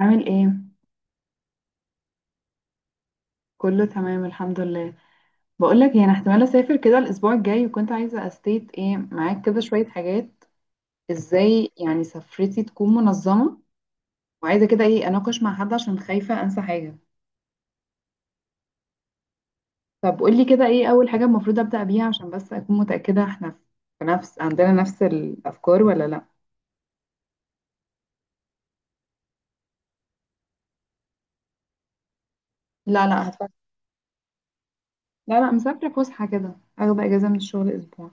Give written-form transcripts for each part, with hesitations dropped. عامل ايه؟ كله تمام، الحمد لله. بقول لك يعني احتمال اسافر كده الاسبوع الجاي، وكنت عايزه استيت ايه معاك كده شويه حاجات. ازاي يعني سفرتي تكون منظمه، وعايزه كده ايه اناقش مع حد عشان خايفه انسى حاجه. طب قول لي كده ايه اول حاجه المفروض ابدا بيها عشان بس اكون متاكده احنا في نفس عندنا نفس الافكار ولا لا؟ لا، لا، هتفكر. لا، لا، مسافره فسحه كده، اخد اجازه من الشغل اسبوع.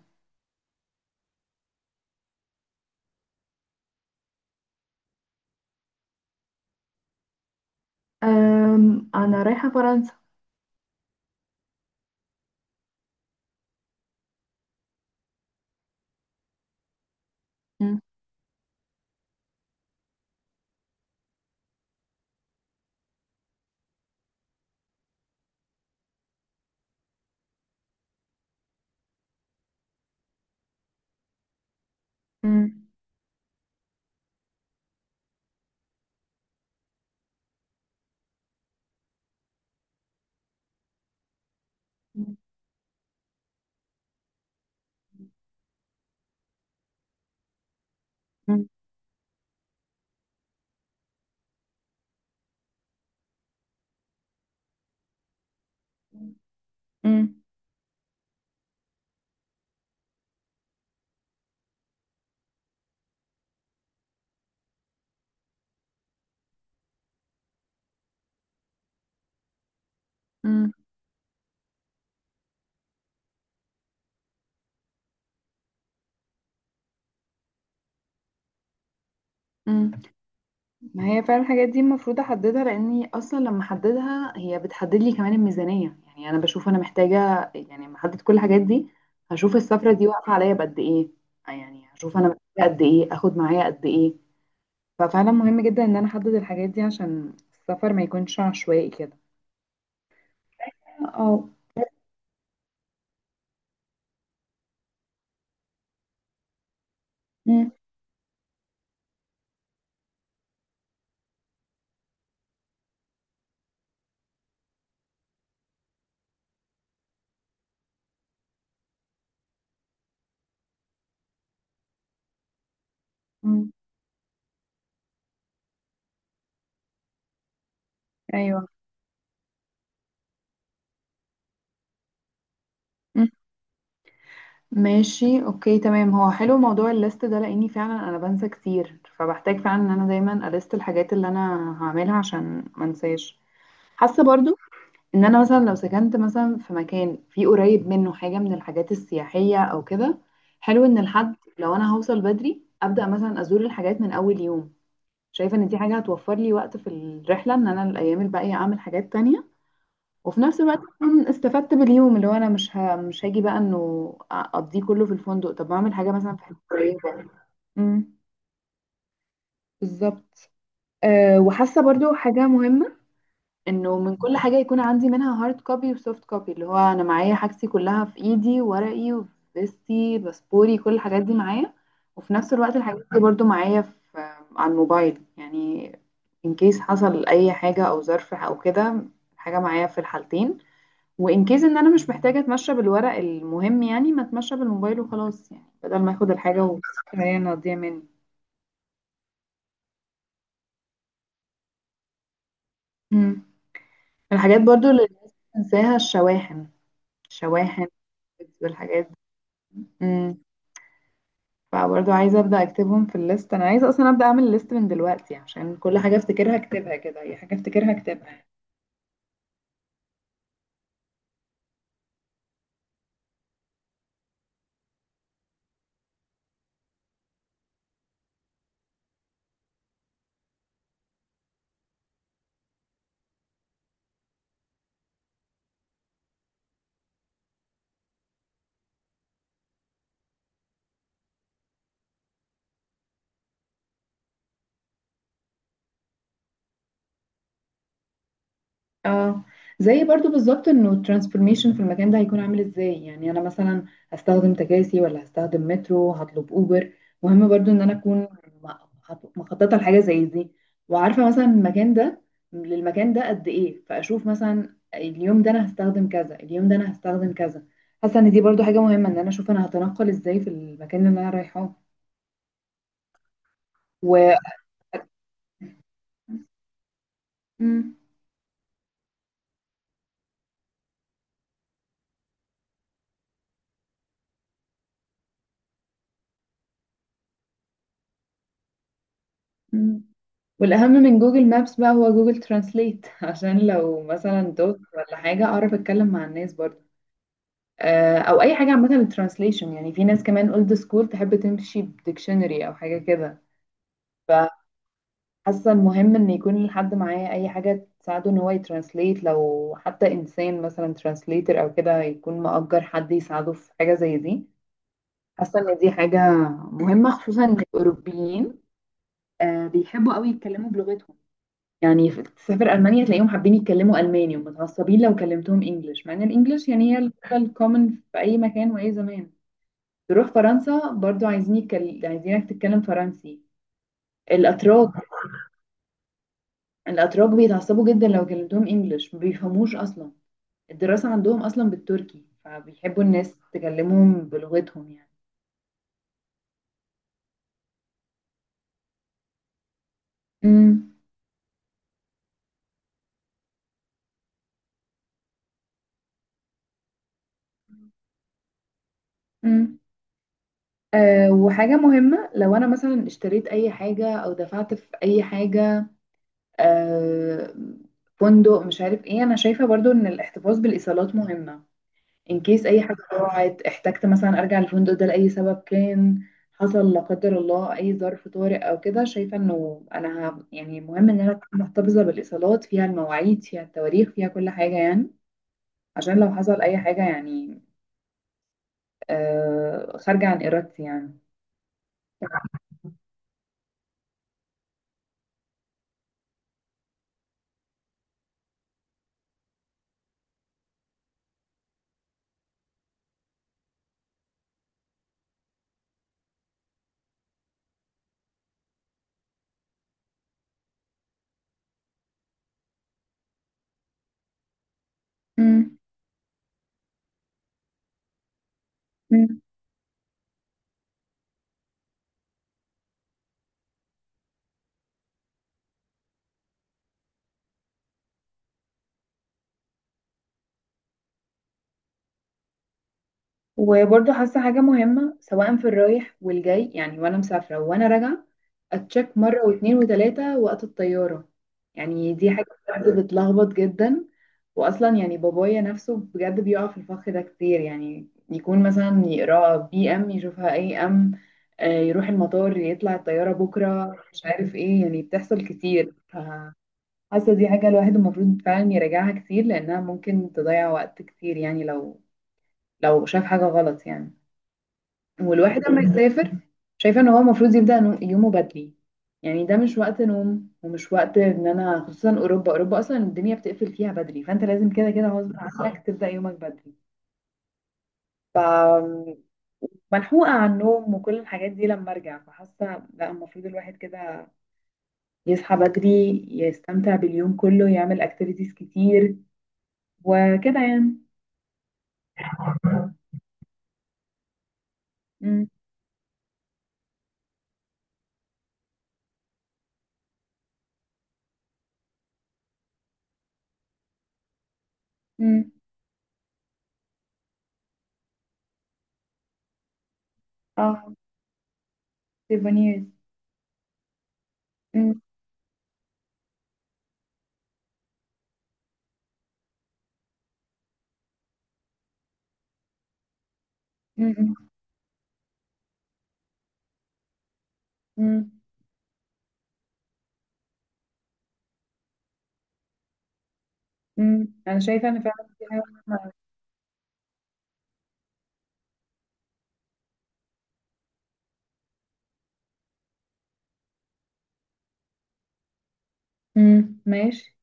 أنا رايحة فرنسا. مم. مم. مم. مم. مم. ما هي فعلا الحاجات دي المفروض احددها، لاني اصلا لما احددها هي بتحدد لي كمان الميزانيه. يعني انا بشوف انا محتاجه، يعني لما احدد كل الحاجات دي هشوف السفره دي واقفه عليا بقد ايه. يعني هشوف انا محتاجه قد ايه، اخد معايا قد ايه. ففعلا مهم جدا ان انا احدد الحاجات دي عشان السفر ما يكونش عشوائي كده. اه. أمم، أمم، ايوه، أمم. ماشي، اوكي، تمام. هو حلو موضوع الليست ده، لاني فعلا انا بنسى كتير، فبحتاج فعلا ان انا دايما اليست الحاجات اللي انا هعملها عشان ما انساش. حاسه برضو ان انا مثلا لو سكنت مثلا في مكان فيه قريب منه حاجه من الحاجات السياحيه او كده، حلو ان الحد لو انا هوصل بدري ابدا مثلا ازور الحاجات من اول يوم. شايفه ان دي حاجه هتوفر لي وقت في الرحله، ان انا الايام الباقيه اعمل حاجات تانية، وفي نفس الوقت اكون استفدت باليوم، اللي هو انا مش هاجي بقى انه اقضيه كله في الفندق. طب ما اعمل حاجه مثلا في حته قريبه. امم. بالظبط. أه، وحاسه برضو حاجه مهمه، انه من كل حاجة يكون عندي منها هارد كوبي وسوفت كوبي، اللي هو انا معايا حاجتي كلها في ايدي، ورقي وفيستي باسبوري كل الحاجات دي معايا، وفي نفس الوقت الحاجات دي برضو معايا في على الموبايل يعني. ان كيس حصل اي حاجة او ظرف او كده، الحاجة معايا في الحالتين، وان كيس ان انا مش محتاجة اتمشى بالورق، المهم يعني ما اتمشى بالموبايل وخلاص، يعني بدل ما اخد الحاجة وهي إنها تضيع مني. مم. الحاجات برضو اللي الناس بتنساها، الشواحن. الشواحن والحاجات دي. فبرضه عايزة أبدأ أكتبهم في الليست. أنا عايزة أصلا أبدأ أعمل ليست من دلوقتي، عشان كل حاجة أفتكرها أكتبها كده، أي حاجة أفتكرها أكتبها. اه. زي برضو بالظبط انه الترانسفورميشن في المكان ده هيكون عامل ازاي، يعني انا مثلا هستخدم تكاسي ولا هستخدم مترو، هطلب اوبر. مهم برضو ان انا اكون م- مخططه لحاجه زي دي، وعارفه مثلا المكان ده للمكان ده قد ايه، فاشوف مثلا اليوم ده انا هستخدم كذا، اليوم ده انا هستخدم كذا. حاسه ان دي برضو حاجه مهمه، ان انا اشوف انا هتنقل ازاي في المكان اللي انا رايحاه. و مم. مم. والأهم من جوجل مابس بقى هو جوجل ترانسليت عشان لو مثلا دوت ولا حاجة أعرف أتكلم مع الناس برضه. أو أي حاجة عامة للترانسليشن، يعني في ناس كمان أولد سكول تحب تمشي بديكشنري أو حاجة كده. فحاسة المهم إن يكون الحد معاه أي حاجة تساعده إن هو يترانسليت، لو حتى إنسان مثلا ترانسليتر أو كده، يكون مأجر حد يساعده في حاجة زي دي. حاسة إن دي حاجة مهمة، خصوصا إن الأوروبيين بيحبوا قوي يتكلموا بلغتهم. يعني تسافر ألمانيا تلاقيهم حابين يتكلموا ألماني، ومتعصبين لو كلمتهم إنجلش، مع إن الإنجلش يعني هي اللغة الكومن في أي مكان وأي زمان. تروح فرنسا برضو عايزينك تتكلم فرنسي. الأتراك الأتراك بيتعصبوا جدا لو كلمتهم إنجلش، ما بيفهموش أصلا. الدراسة عندهم أصلا بالتركي، فبيحبوا الناس تكلمهم بلغتهم يعني. امم. امم. أه، وحاجة مهمة لو أنا مثلا اشتريت أي حاجة أو دفعت في أي حاجة، آه، فندق مش عارف ايه، انا شايفة برضو ان الاحتفاظ بالايصالات مهمة. ان كيس اي حاجة ضاعت، احتجت مثلا ارجع الفندق ده لأي سبب كان، حصل لا قدر الله اي ظرف طارئ او كده، شايفة انه انا يعني مهم ان انا أكون محتفظة بالايصالات فيها المواعيد فيها التواريخ فيها كل حاجة يعني، عشان لو حصل اي حاجة يعني خارجة عن ارادتي يعني. مم. وبرضه حاسة حاجة مهمة سواء في الرايح والجاي، يعني وأنا مسافرة وأنا راجعة، أتشك مرة واتنين وتلاتة وقت الطيارة. يعني دي حاجة بجد بتلخبط جدا. وأصلا يعني بابايا نفسه بجد بيقع في الفخ ده كتير، يعني يكون مثلا يقرأ بي أم يشوفها أي أم، يروح المطار يطلع الطيارة بكرة مش عارف إيه، يعني بتحصل كتير. فحاسة دي حاجة الواحد المفروض فعلا يراجعها كتير، لأنها ممكن تضيع وقت كتير، يعني لو شاف حاجة غلط يعني. والواحد لما يسافر، شايفه ان هو المفروض يبدا يومه بدري. يعني ده مش وقت نوم ومش وقت، ان انا خصوصا اوروبا اصلا الدنيا بتقفل فيها بدري، فانت لازم كده كده غصب عنك تبدا يومك بدري. أم، ملحوقه عن النوم وكل الحاجات دي لما ارجع. فحاسه لا المفروض الواحد كده يصحى بدري، يستمتع باليوم كله، يعمل اكتيفيتيز كتير، وكده يعني. امم. امم. اه، سيفونيرز. امم. امم. امم. امم، انا شايفه ان فعلا. امم، ماشي.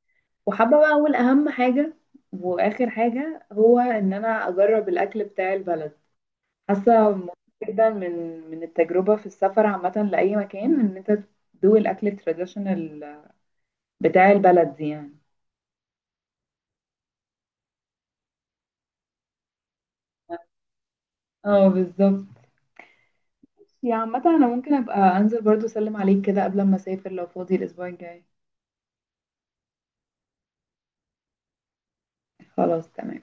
وحابة بقى أقول أهم حاجة وآخر حاجة، هو إن أنا أجرب الأكل بتاع البلد. حاسة مهم جدا من التجربة في السفر عامة لأي مكان، إن أنت تدوق الأكل التراديشنال بتاع البلد دي يعني. اه، بالظبط. يا عامة أنا ممكن أبقى أنزل برضو أسلم عليك كده قبل ما أسافر لو فاضي الأسبوع الجاي. خلاص تمام.